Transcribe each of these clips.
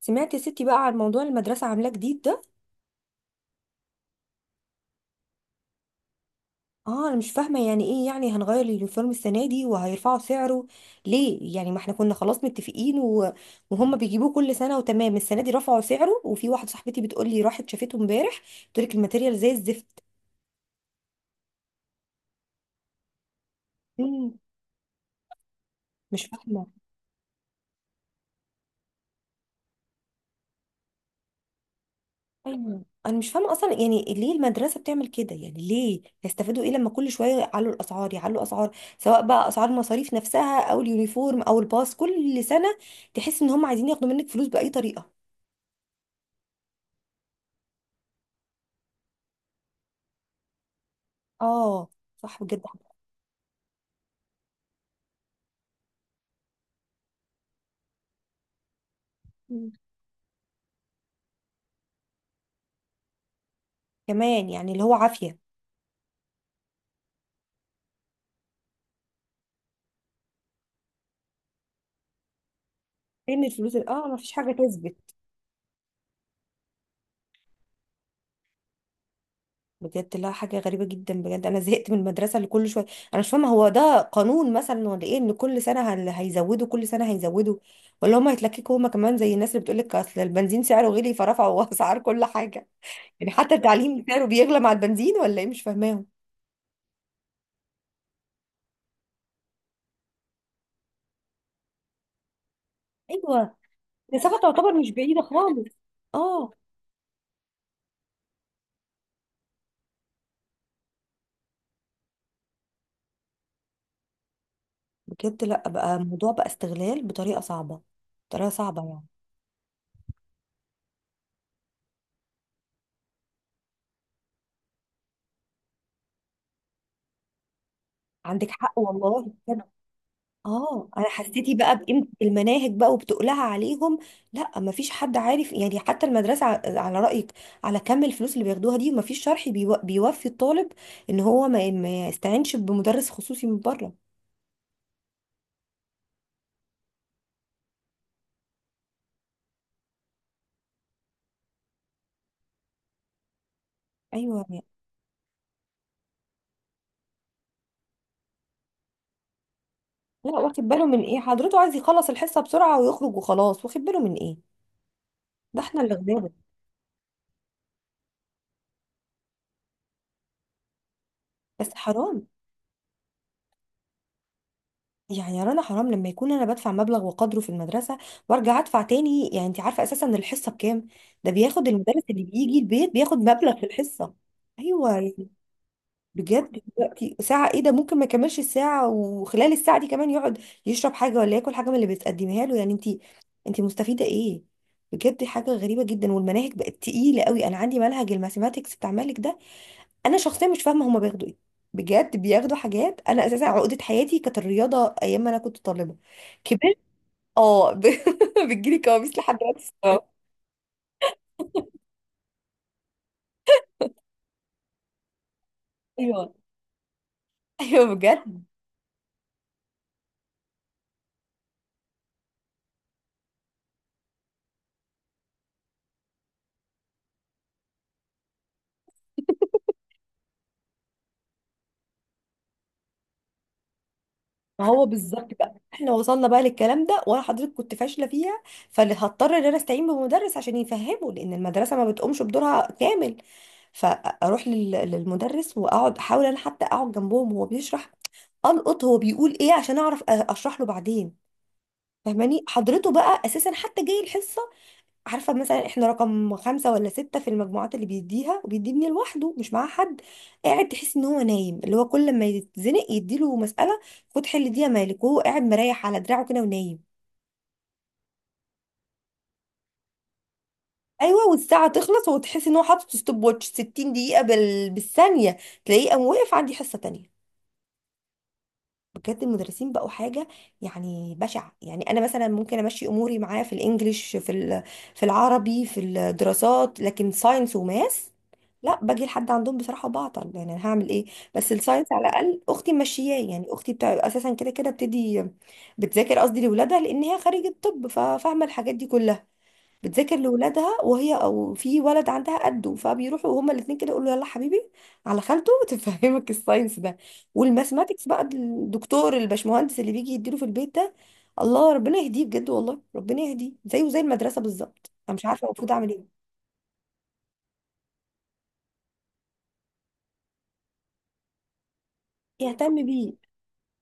سمعت يا ستي بقى عن موضوع المدرسة عاملاه جديد ده؟ اه انا مش فاهمة يعني ايه، يعني هنغير اليونيفورم السنة دي وهيرفعوا سعره؟ ليه يعني؟ ما احنا كنا خلاص متفقين. وهم بيجيبوه كل سنة وتمام، السنة دي رفعوا سعره وفي واحدة صاحبتي بتقول لي راحت شافته امبارح. بتقول لك الماتيريال زي الزفت. مم. مش فاهمة. ايوه انا مش فاهمه اصلا، يعني ليه المدرسه بتعمل كده، يعني ليه يستفادوا ايه لما كل شويه يعلوا الاسعار، يعلوا اسعار سواء بقى اسعار المصاريف نفسها او اليونيفورم او الباص كل سنه. تحس ان هم عايزين ياخدوا منك فلوس باي طريقه. اه. صح بجد. مم. كمان يعني اللي هو عافيه. فين الفلوس اه، ما فيش حاجه تثبت. بجد لا، حاجة غريبة جدا، بجد أنا زهقت من المدرسة اللي كل شوية. أنا مش فاهمة هو ده قانون مثلا ولا إيه، إن كل سنة هيزودوا، كل سنة هيزودوا؟ ولا هما هيتلككوا هما كمان زي الناس اللي بتقولك أصل البنزين سعره غلي فرفعوا أسعار كل حاجة. يعني حتى التعليم سعره بيغلى مع البنزين ولا إيه؟ مش فاهماهم. أيوه. المسافة تعتبر مش بعيدة خالص. أه. بجد لا، بقى الموضوع بقى استغلال بطريقة صعبة. بطريقة صعبة يعني. عندك حق والله. اه انا حسيتي بقى بقيمه المناهج بقى وبتقلها عليهم. لا مفيش حد عارف يعني، حتى المدرسه على رايك، على كم الفلوس اللي بياخدوها دي، مفيش شرح بيوفي الطالب ان هو ما يستعينش بمدرس خصوصي من بره. ايوه يعني. لا، واخد باله من ايه؟ حضرته عايز يخلص الحصه بسرعه ويخرج وخلاص، واخد باله من ايه؟ ده احنا اللي غلابه. بس حرام، يعني يا رنا حرام، لما يكون انا بدفع مبلغ وقدره في المدرسه وارجع ادفع تاني. يعني انت عارفه اساسا الحصه بكام؟ ده بياخد المدرس اللي بيجي البيت، بياخد مبلغ في الحصه. ايوه يعني. بجد دلوقتي ساعه ايه؟ ده ممكن ما يكملش الساعه، وخلال الساعه دي كمان يقعد يشرب حاجه ولا ياكل حاجه من اللي بتقدمها له. يعني انت مستفيده ايه؟ بجد حاجه غريبه جدا. والمناهج بقت تقيله قوي، انا عندي منهج الماثيماتكس بتاع مالك ده. انا شخصيا مش فاهمه هما بياخدوا ايه. بجد بياخدوا حاجات، انا اساسا عقده حياتي كانت الرياضه ايام ما انا كنت طالبه. كبرت. اه ب... بتجيلي كوابيس لحد دلوقتي. الصراحة. ايوه، ايوه بجد. ما هو بالظبط بقى احنا وصلنا بقى للكلام ده، وانا حضرتك كنت فاشله فيها، فهضطر ان انا استعين بمدرس عشان يفهمه، لان المدرسه ما بتقومش بدورها كامل. للمدرس، واقعد احاول انا حتى اقعد جنبهم وهو بيشرح القط هو بيقول ايه، عشان اعرف اشرح له بعدين. فاهماني حضرته بقى؟ اساسا حتى جاي الحصه عارفه مثلا احنا رقم خمسه ولا سته في المجموعات اللي بيديها، وبيديني لوحده مش معاه حد، قاعد تحس ان هو نايم، اللي هو كل ما يتزنق يديله مساله، خد حل دي يا مالك، وهو قاعد مريح على دراعه كده ونايم. ايوه والساعه تخلص، وتحس ان هو حاطط ستوب واتش 60 دقيقه بالثانيه، تلاقيه قام واقف عندي حصه تانية. بجد المدرسين بقوا حاجة يعني بشعة. يعني أنا مثلا ممكن أمشي أموري معاه في الإنجليش، في العربي، في الدراسات، لكن ساينس وماس لا، باجي لحد عندهم بصراحة بعطل، يعني أنا هعمل إيه؟ بس الساينس على الأقل أختي ماشياه، يعني أختي بتاع أساسا كده كده بتدي بتذاكر، قصدي لولادها، لأن هي خريجة طب ففاهمة الحاجات دي كلها، بتذاكر لولادها، وهي او في ولد عندها قده فبيروحوا هما الاثنين كده يقولوا له يلا حبيبي على خالته تفهمك الساينس ده. والماثماتكس بقى، الدكتور الباشمهندس اللي بيجي يديله في البيت ده، الله ربنا يهديه، بجد والله ربنا يهديه، زيه زي المدرسه بالظبط. انا مش عارفه المفروض اعمل ايه. يهتم بيه.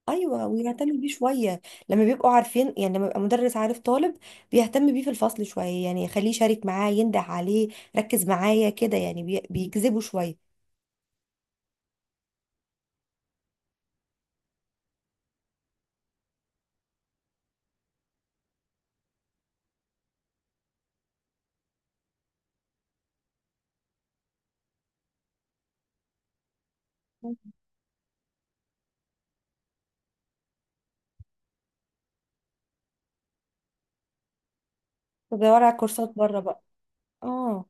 ايوه ويهتم بيه شويه، لما بيبقوا عارفين، يعني لما يبقى مدرس عارف طالب بيهتم بيه في الفصل شويه، يعني يخليه يشارك معاه، ينده عليه، ركز معايا كده، يعني بيجذبه شويه. بدور على كورسات بره بقى. اه.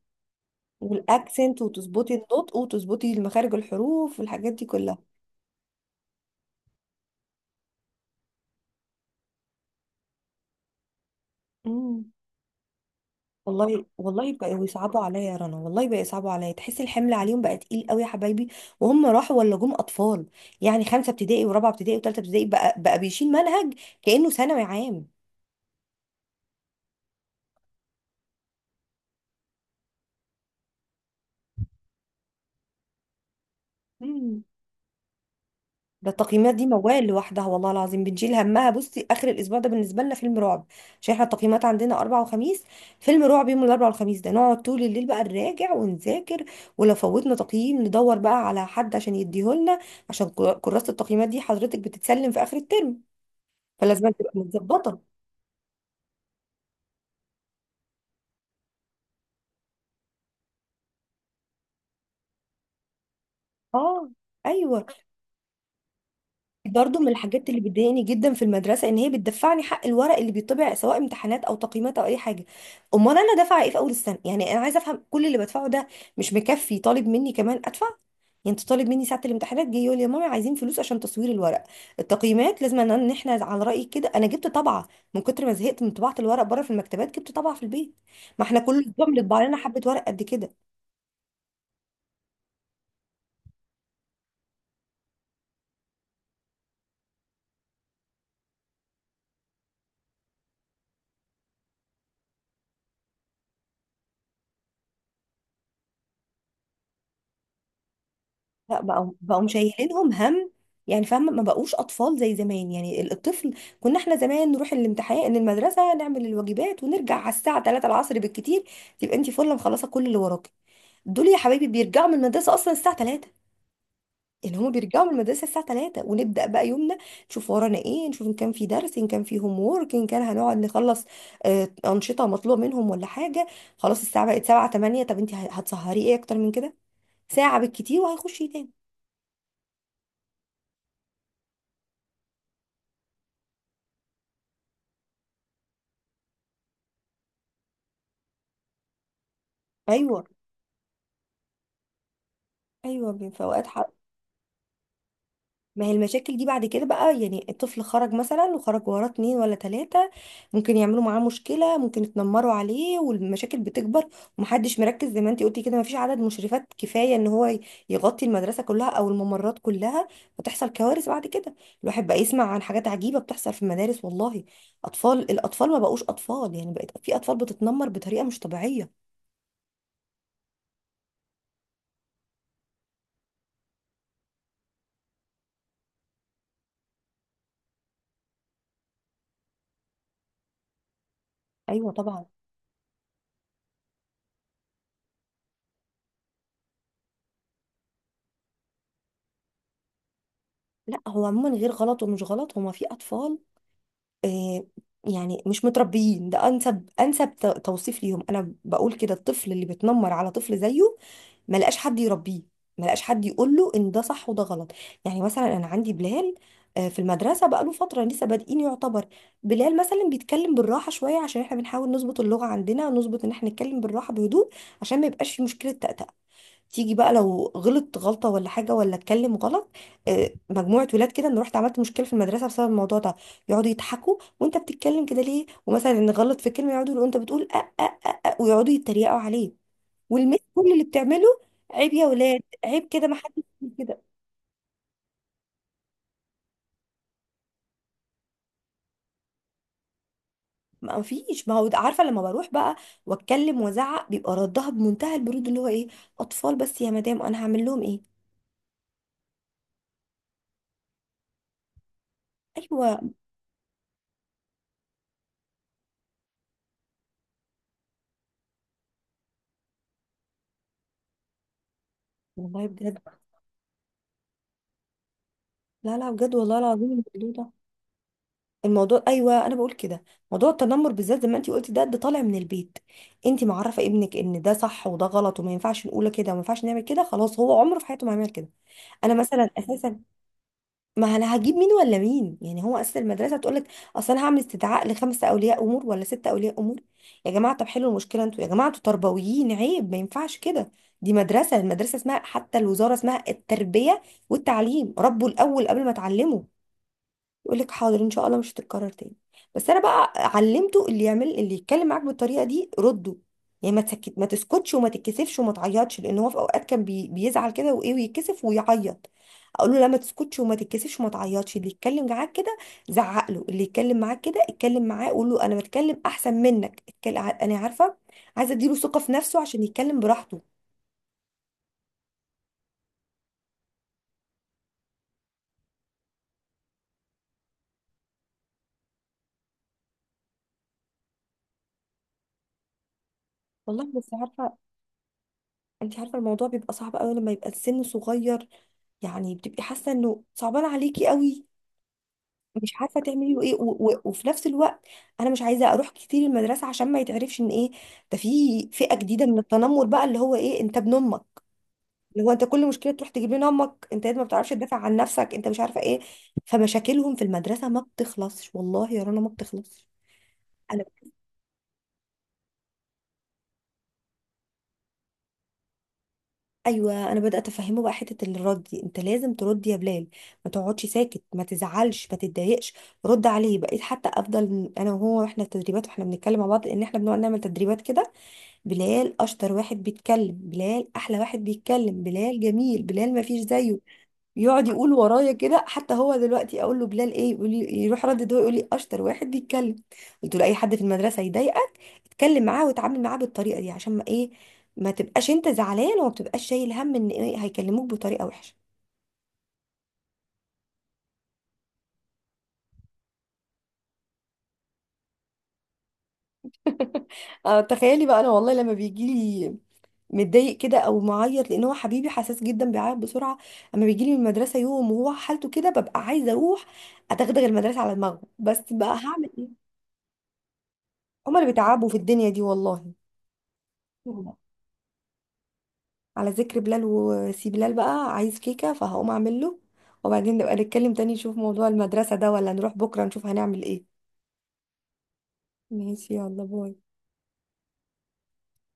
والاكسنت وتظبطي النطق وتظبطي مخارج الحروف والحاجات دي كلها. امم والله، والله بقوا يصعبوا عليا يا رنا، والله بقى يصعبوا عليا، تحس الحمل عليهم بقى تقيل قوي يا حبايبي، وهم راحوا ولا جم اطفال. يعني خمسه ابتدائي، ورابعه ابتدائي، وثالثه ابتدائي بقى بيشيل منهج كانه ثانوي عام. ده التقييمات دي موال لوحدها، والله العظيم بنشيل همها. بصي اخر الاسبوع ده بالنسبه لنا فيلم رعب، عشان احنا التقييمات عندنا اربع وخميس، فيلم رعب يوم الاربع والخميس ده، نقعد طول الليل بقى نراجع ونذاكر، ولو فوتنا تقييم ندور بقى على حد عشان يديهولنا، عشان كراسه التقييمات دي حضرتك بتتسلم في اخر الترم، فلازم تبقى متظبطه. اه. ايوه برضو، من الحاجات اللي بتضايقني جدا في المدرسه ان هي بتدفعني حق الورق اللي بيطبع، سواء امتحانات او تقييمات او اي حاجه. امال انا دافعه ايه في اول السنه؟ يعني انا عايزه افهم كل اللي بدفعه ده، مش مكفي طالب مني كمان ادفع؟ يعني انت طالب مني ساعه الامتحانات جاي يقول لي يا ماما عايزين فلوس عشان تصوير الورق؟ التقييمات لازم إن احنا، على رايك كده، انا جبت طبعه، من كتر ما زهقت من طباعه الورق بره في المكتبات جبت طبعه في البيت، ما احنا كل اسبوع بنطبع لنا حبه ورق قد كده. لا، بقوا مشيلينهم هم، يعني فاهمه، ما بقوش اطفال زي زمان. يعني الطفل، كنا احنا زمان نروح الامتحان المدرسه، نعمل الواجبات ونرجع على الساعه 3 العصر بالكتير، تبقى انت فله مخلصه كل اللي وراكي. دول يا حبايبي بيرجعوا من المدرسه اصلا الساعه 3، يعني هما بيرجعوا من المدرسه الساعه 3 ونبدا بقى يومنا، نشوف ورانا ايه، نشوف ان كان في درس، ان كان في هوم وورك، ان كان هنقعد نخلص انشطه مطلوبه منهم ولا حاجه. خلاص الساعه بقت 7 8، طب انت هتسهري ايه اكتر من كده؟ ساعه بالكتير وهيخش تاني. ايوه، ايوه في اوقات حق. ما هي المشاكل دي بعد كده بقى، يعني الطفل خرج مثلا، وخرج وراه اتنين ولا تلاتة، ممكن يعملوا معاه مشكلة، ممكن يتنمروا عليه، والمشاكل بتكبر، ومحدش مركز زي ما انتي قلتي كده، مفيش عدد مشرفات كفاية ان هو يغطي المدرسة كلها او الممرات كلها، فتحصل كوارث بعد كده. الواحد بقى يسمع عن حاجات عجيبة بتحصل في المدارس والله، اطفال، الاطفال ما بقوش اطفال، يعني بقت في اطفال بتتنمر بطريقة مش طبيعية. ايوه طبعا. لا هو عموما غير غلط ومش غلط، هما في اطفال آه، يعني مش متربيين، ده انسب انسب توصيف ليهم. انا بقول كده، الطفل اللي بيتنمر على طفل زيه ما لقاش حد يربيه، ما لقاش حد يقول له ان ده صح وده غلط. يعني مثلا انا عندي بلال، في المدرسه بقى له فتره لسه بادئين يعتبر. بلال مثلا بيتكلم بالراحه شويه، عشان احنا بنحاول نظبط اللغه عندنا، نظبط ان احنا نتكلم بالراحه بهدوء عشان ما يبقاش في مشكله تأتأة. تيجي بقى لو غلط غلطة ولا حاجة، ولا اتكلم غلط، مجموعة ولاد كده، انا رحت عملت مشكلة في المدرسة بسبب الموضوع ده، يقعدوا يضحكوا، وانت بتتكلم كده ليه؟ ومثلا نغلط في كلمة يقعدوا يقولوا انت بتقول أ أ أ أ، ويقعدوا يتريقوا عليه، والمس كل اللي بتعمله عيب يا ولاد، عيب كده، ما حدش يعمل كده. ما فيش، ما هو عارفة لما بروح بقى واتكلم وازعق بيبقى ردها بمنتهى البرود اللي هو ايه، اطفال بس يا مدام، انا هعمل لهم ايه؟ ايوه والله بجد. لا لا بجد والله العظيم الموضوع ده، الموضوع، ايوه انا بقول كده، موضوع التنمر بالذات زي ما انت قلتي، ده طالع من البيت. انت معرفه ابنك ان ده صح وده غلط، وما ينفعش نقول كده، وما ينفعش نعمل كده، خلاص هو عمره في حياته ما هيعمل كده. انا مثلا اساسا، ما انا هجيب مين ولا مين؟ يعني هو اساسا المدرسه تقول لك اصل انا هعمل استدعاء لخمسه اولياء امور ولا سته اولياء امور؟ يا جماعه طب حلوا المشكله انتوا، يا جماعه انتوا تربويين، عيب، ما ينفعش كده، دي مدرسه، المدرسه اسمها حتى الوزاره اسمها التربيه والتعليم، ربوا الاول قبل ما تعلموا. يقول لك حاضر ان شاء الله مش هتتكرر تاني. بس انا بقى علمته، اللي يعمل اللي يتكلم معاك بالطريقه دي رده، يعني ما تسكت، ما تسكتش وما تتكسفش وما تعيطش، لان هو في اوقات كان بيزعل كده وايه ويتكسف ويعيط، اقول له لا ما تسكتش وما تتكسفش وما تعيطش، اللي يتكلم معاك كده زعق له، اللي يتكلم معاك كده اتكلم معاه، قول له انا بتكلم احسن منك، اتكلم انا عارفه، عايزه اديله ثقه في نفسه عشان يتكلم براحته. والله بس عارفه، انت عارفه الموضوع بيبقى صعب قوي لما يبقى السن صغير، يعني بتبقي حاسه انه صعبان عليكي قوي، مش عارفه تعملي له ايه، و و وفي نفس الوقت انا مش عايزه اروح كتير المدرسه عشان ما يتعرفش ان ايه ده، في فئه جديده من التنمر بقى اللي هو ايه، انت ابن امك، اللي هو انت كل مشكله تروح تجيب لنا امك، انت ما بتعرفش تدافع عن نفسك، انت مش عارفه ايه، فمشاكلهم في المدرسه ما بتخلصش، والله يا رنا ما بتخلصش. ايوه انا بدات افهمه بقى حته الرد دي، انت لازم ترد يا بلال، ما تقعدش ساكت، ما تزعلش، ما تتضايقش، رد عليه. بقيت حتى افضل انا وهو، واحنا في تدريبات، واحنا بنتكلم مع بعض، ان احنا بنقعد نعمل تدريبات كده، بلال اشطر واحد بيتكلم، بلال احلى واحد بيتكلم، بلال جميل، بلال ما فيش زيه، يقعد يقول ورايا كده، حتى هو دلوقتي اقول له بلال ايه؟ يقول لي، يروح ردد، هو يقول لي اشطر واحد بيتكلم. قلت له اي حد في المدرسه يضايقك اتكلم معاه وتعامل معاه بالطريقه دي عشان ما ايه، ما تبقاش انت زعلان، وما تبقاش شايل هم ان إيه هيكلموك بطريقه وحشه. اه تخيلي بقى، انا والله لما بيجي لي متضايق كده او معيط، لان هو حبيبي حساس جدا، بيعيط بسرعه، اما بيجي لي من المدرسه يوم وهو حالته كده ببقى عايزه اروح اتغدغ المدرسه على دماغه، بس بقى هعمل ايه؟ هما اللي بيتعبوا في الدنيا دي والله. على ذكر بلال وسي بلال بقى عايز كيكة، فهقوم اعمل له، وبعدين نبقى نتكلم تاني نشوف موضوع المدرسة ده، ولا نروح بكرة نشوف هنعمل ايه. ماشي يلا باي.